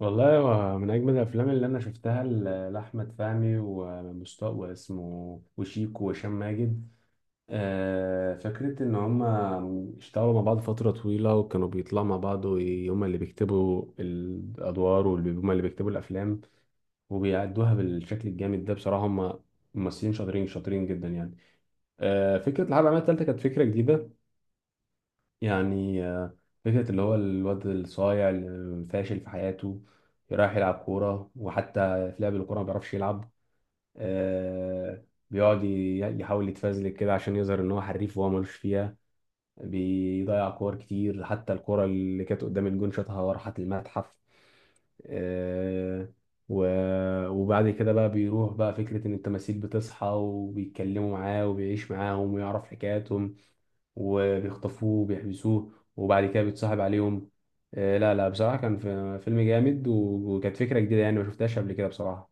والله هو من أجمل الأفلام اللي أنا شفتها لأحمد فهمي ومستوى واسمه وشيكو وهشام ماجد. فكرة إن هما اشتغلوا مع بعض فترة طويلة وكانوا بيطلعوا مع بعض، وهما اللي بيكتبوا الأدوار وهما اللي بيكتبوا الأفلام وبيأدوها بالشكل الجامد ده. بصراحة هما ممثلين شاطرين شاطرين جدا يعني. فكرة الحرب العالمية التالتة كانت فكرة جديدة. يعني فكرة اللي هو الواد الصايع اللي فاشل في حياته، رايح يلعب كورة، وحتى في لعب الكورة ما بيعرفش يلعب. آه، بيقعد يحاول يتفزلك كده عشان يظهر إن هو حريف وهو ملوش فيها، بيضيع كور كتير، حتى الكورة اللي كانت قدام الجون شاطها وراحت المتحف. آه، وبعد كده بقى بيروح بقى، فكرة إن التماثيل بتصحى وبيتكلموا معاه وبيعيش معاهم ويعرف حكاياتهم، وبيخطفوه، بيحبسوه، وبعد كده بيتصاحب عليهم. لا لا، بصراحة كان فيلم جامد، وكانت فكرة جديدة يعني، ما شفتهاش قبل كده بصراحة.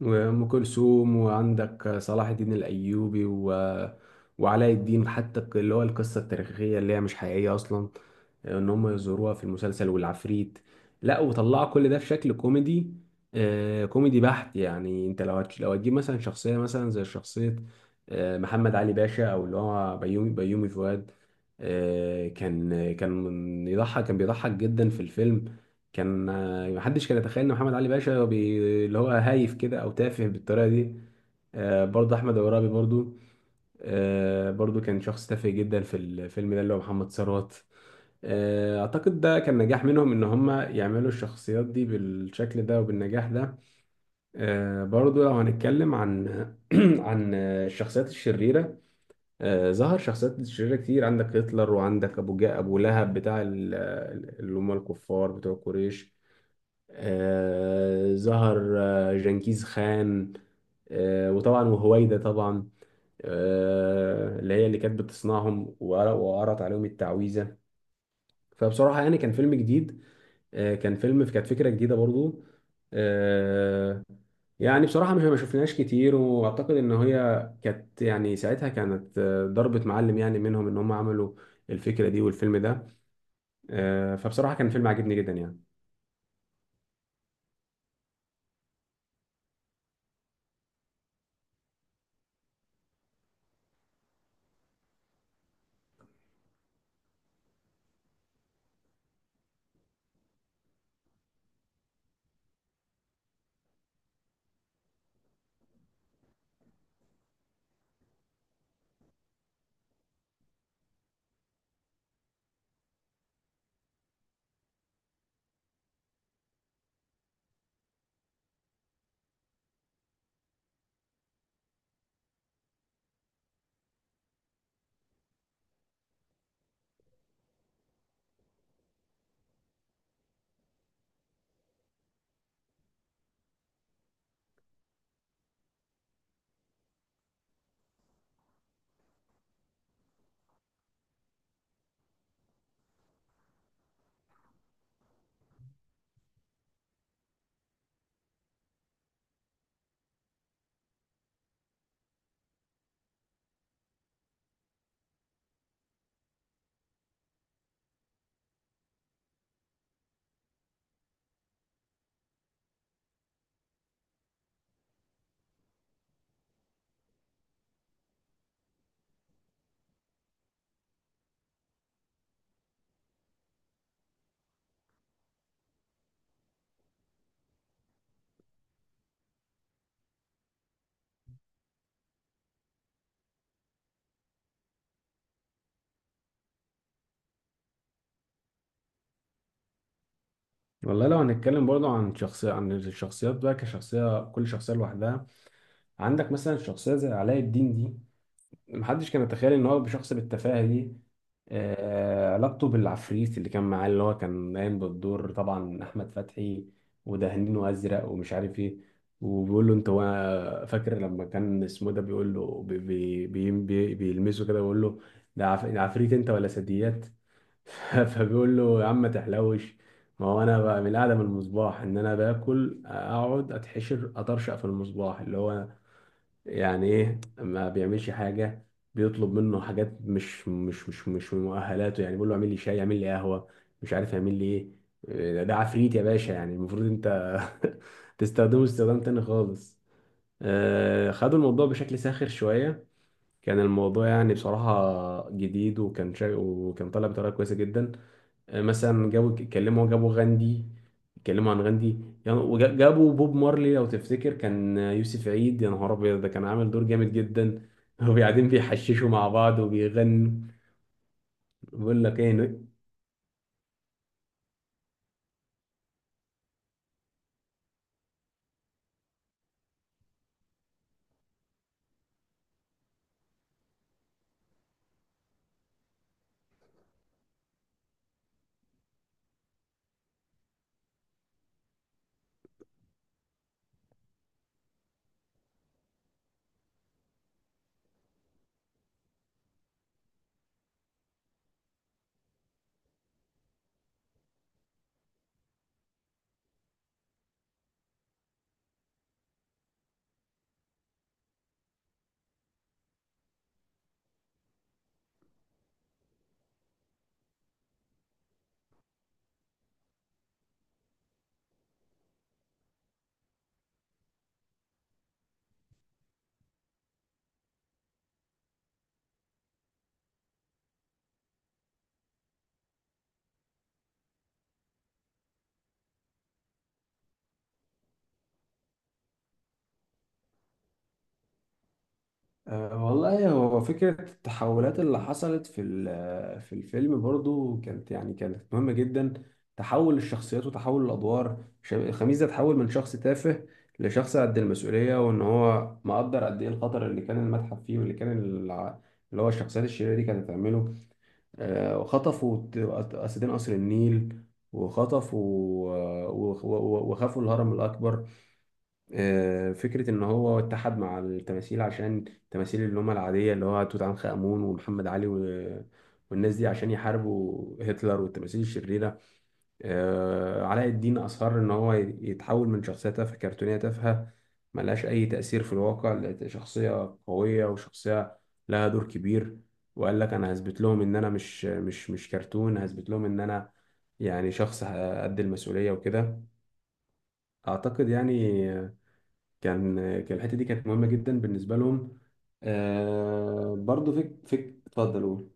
وأم كلثوم، وعندك صلاح الدين الأيوبي وعلاء الدين. حتى اللي هو القصة التاريخية اللي هي مش حقيقية أصلا، إن هم يزوروها في المسلسل، والعفريت. لا، وطلعوا كل ده في شكل كوميدي. كوميدي بحت. يعني أنت لو لو هتجيب مثلا شخصية، مثلا زي شخصية محمد علي باشا، أو اللي هو بيومي فؤاد. كان كان بيضحك جدا في الفيلم. كان محدش كان يتخيل ان محمد علي باشا اللي هو هايف كده او تافه بالطريقه دي. برضه احمد عرابي، برضه. برضه كان شخص تافه جدا في الفيلم ده، اللي هو محمد ثروت. اعتقد ده كان نجاح منهم، ان هم يعملوا الشخصيات دي بالشكل ده وبالنجاح ده. برضو لو هنتكلم عن الشخصيات الشريرة. ظهر شخصيات شريرة كتير، عندك هتلر، وعندك ابو لهب بتاع اللي هم الكفار بتوع قريش. ظهر جنكيز خان. وطبعا وهويدا طبعا، اللي هي اللي كانت بتصنعهم وقرأت عليهم التعويذة. فبصراحة يعني كان فيلم جديد. كانت فكرة جديدة برضو. آه، يعني بصراحة مش ما شفناش كتير، وأعتقد إن هي كانت، يعني ساعتها كانت ضربة معلم يعني منهم، إن هم عملوا الفكرة دي والفيلم ده. فبصراحة كان فيلم عجبني جدا يعني. والله لو هنتكلم برضو عن الشخصيات بقى كشخصية، كل شخصية لوحدها. عندك مثلا شخصية زي علاء الدين دي، محدش كان يتخيل ان هو بشخص بالتفاهة دي. علاقته بالعفريت اللي كان معاه، اللي هو كان قايم بالدور طبعا أحمد فتحي، ودهنينه أزرق ومش عارف ايه. وبيقول له انت فاكر لما كان اسمه ده بيقول له بيلمسه كده ويقول له ده عفريت انت ولا ثدييات. فبيقول له يا عم ما تحلوش، ما هو انا بقى من القعده من المصباح، ان انا باكل اقعد اتحشر اطرشق في المصباح اللي هو يعني ايه، ما بيعملش حاجه. بيطلب منه حاجات مش من مؤهلاته، يعني بيقول له اعمل لي شاي، اعمل لي قهوه، مش عارف يعمل لي ايه. إيه، ده عفريت يا باشا، يعني المفروض انت تستخدمه استخدام تاني خالص. خدوا الموضوع بشكل ساخر شويه. كان الموضوع يعني بصراحه جديد، وكان طالع بطريقه كويسه جدا. مثلا جابوا، اتكلموا، جابوا غاندي، اتكلموا عن غاندي يعني. وجابوا بوب مارلي، لو تفتكر كان يوسف عيد، يا نهار ابيض، ده كان عامل دور جامد جدا. وقاعدين بيحششوا مع بعض وبيغنوا، بيقول لك ايه. أه والله، هو فكرة التحولات اللي حصلت في ال- آه، في الفيلم برضو كانت، يعني كانت مهمة جدا. تحول الشخصيات وتحول الأدوار. خميس ده تحول من شخص تافه لشخص قد المسؤولية، وإن هو مقدر قد إيه الخطر اللي كان المتحف فيه، واللي كان اللي هو الشخصيات الشريرة دي كانت هتعمله. أه وخطفوا أسدين قصر النيل، وخطفوا وخافوا الهرم الأكبر. فكرة إن هو اتحد مع التماثيل، عشان التماثيل اللي هم العادية، اللي هو توت عنخ آمون ومحمد علي والناس دي، عشان يحاربوا هتلر والتماثيل الشريرة. علاء الدين أصر إن هو يتحول من شخصية تافهة كرتونية تافهة ملهاش أي تأثير في الواقع، لشخصية قوية، وشخصية لها دور كبير. وقال لك أنا هثبت لهم إن أنا مش كرتون، هثبت لهم إن أنا يعني شخص قد المسؤولية وكده. أعتقد يعني كان كان الحته دي كانت مهمه جدا بالنسبه لهم. برضو فك فك اتفضل قول.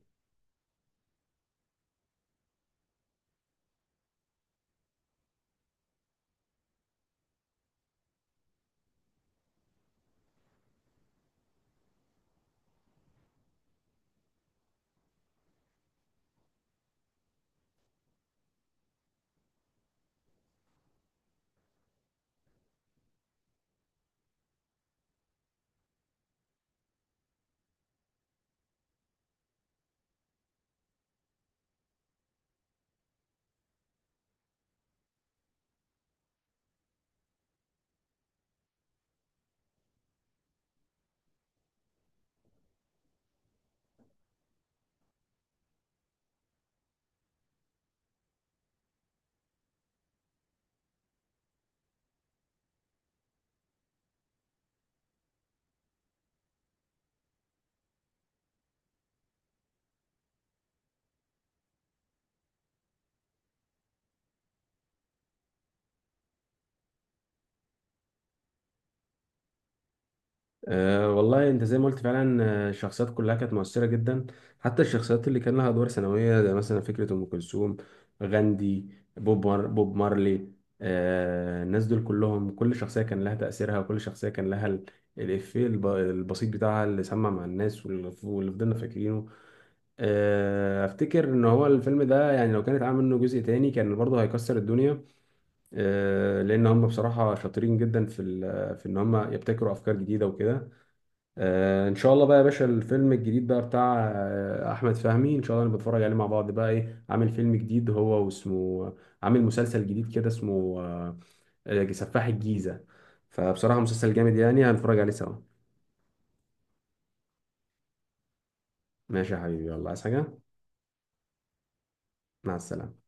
والله انت زي ما قلت فعلا، الشخصيات كلها كانت مؤثره جدا، حتى الشخصيات اللي كان لها ادوار ثانويه، زي مثلا فكره ام كلثوم، غاندي، بوب مارلي. الناس دول كلهم، كل شخصيه كان لها تاثيرها، وكل شخصيه كان لها الافيه البسيط بتاعها اللي سمع مع الناس، واللي فضلنا فاكرينه. افتكر ان هو الفيلم ده، يعني لو كان اتعمل منه جزء تاني كان برضه هيكسر الدنيا. لان هم بصراحه شاطرين جدا في ان هم يبتكروا افكار جديده وكده. ان شاء الله بقى يا باشا، الفيلم الجديد بقى بتاع احمد فهمي، ان شاء الله نتفرج عليه مع بعض بقى. ايه، عامل فيلم جديد هو واسمه، عامل مسلسل جديد كده اسمه سفاح الجيزه. فبصراحه مسلسل جامد يعني، هنتفرج عليه سوا. ماشي يا حبيبي، يلا عايز حاجه. مع السلامه.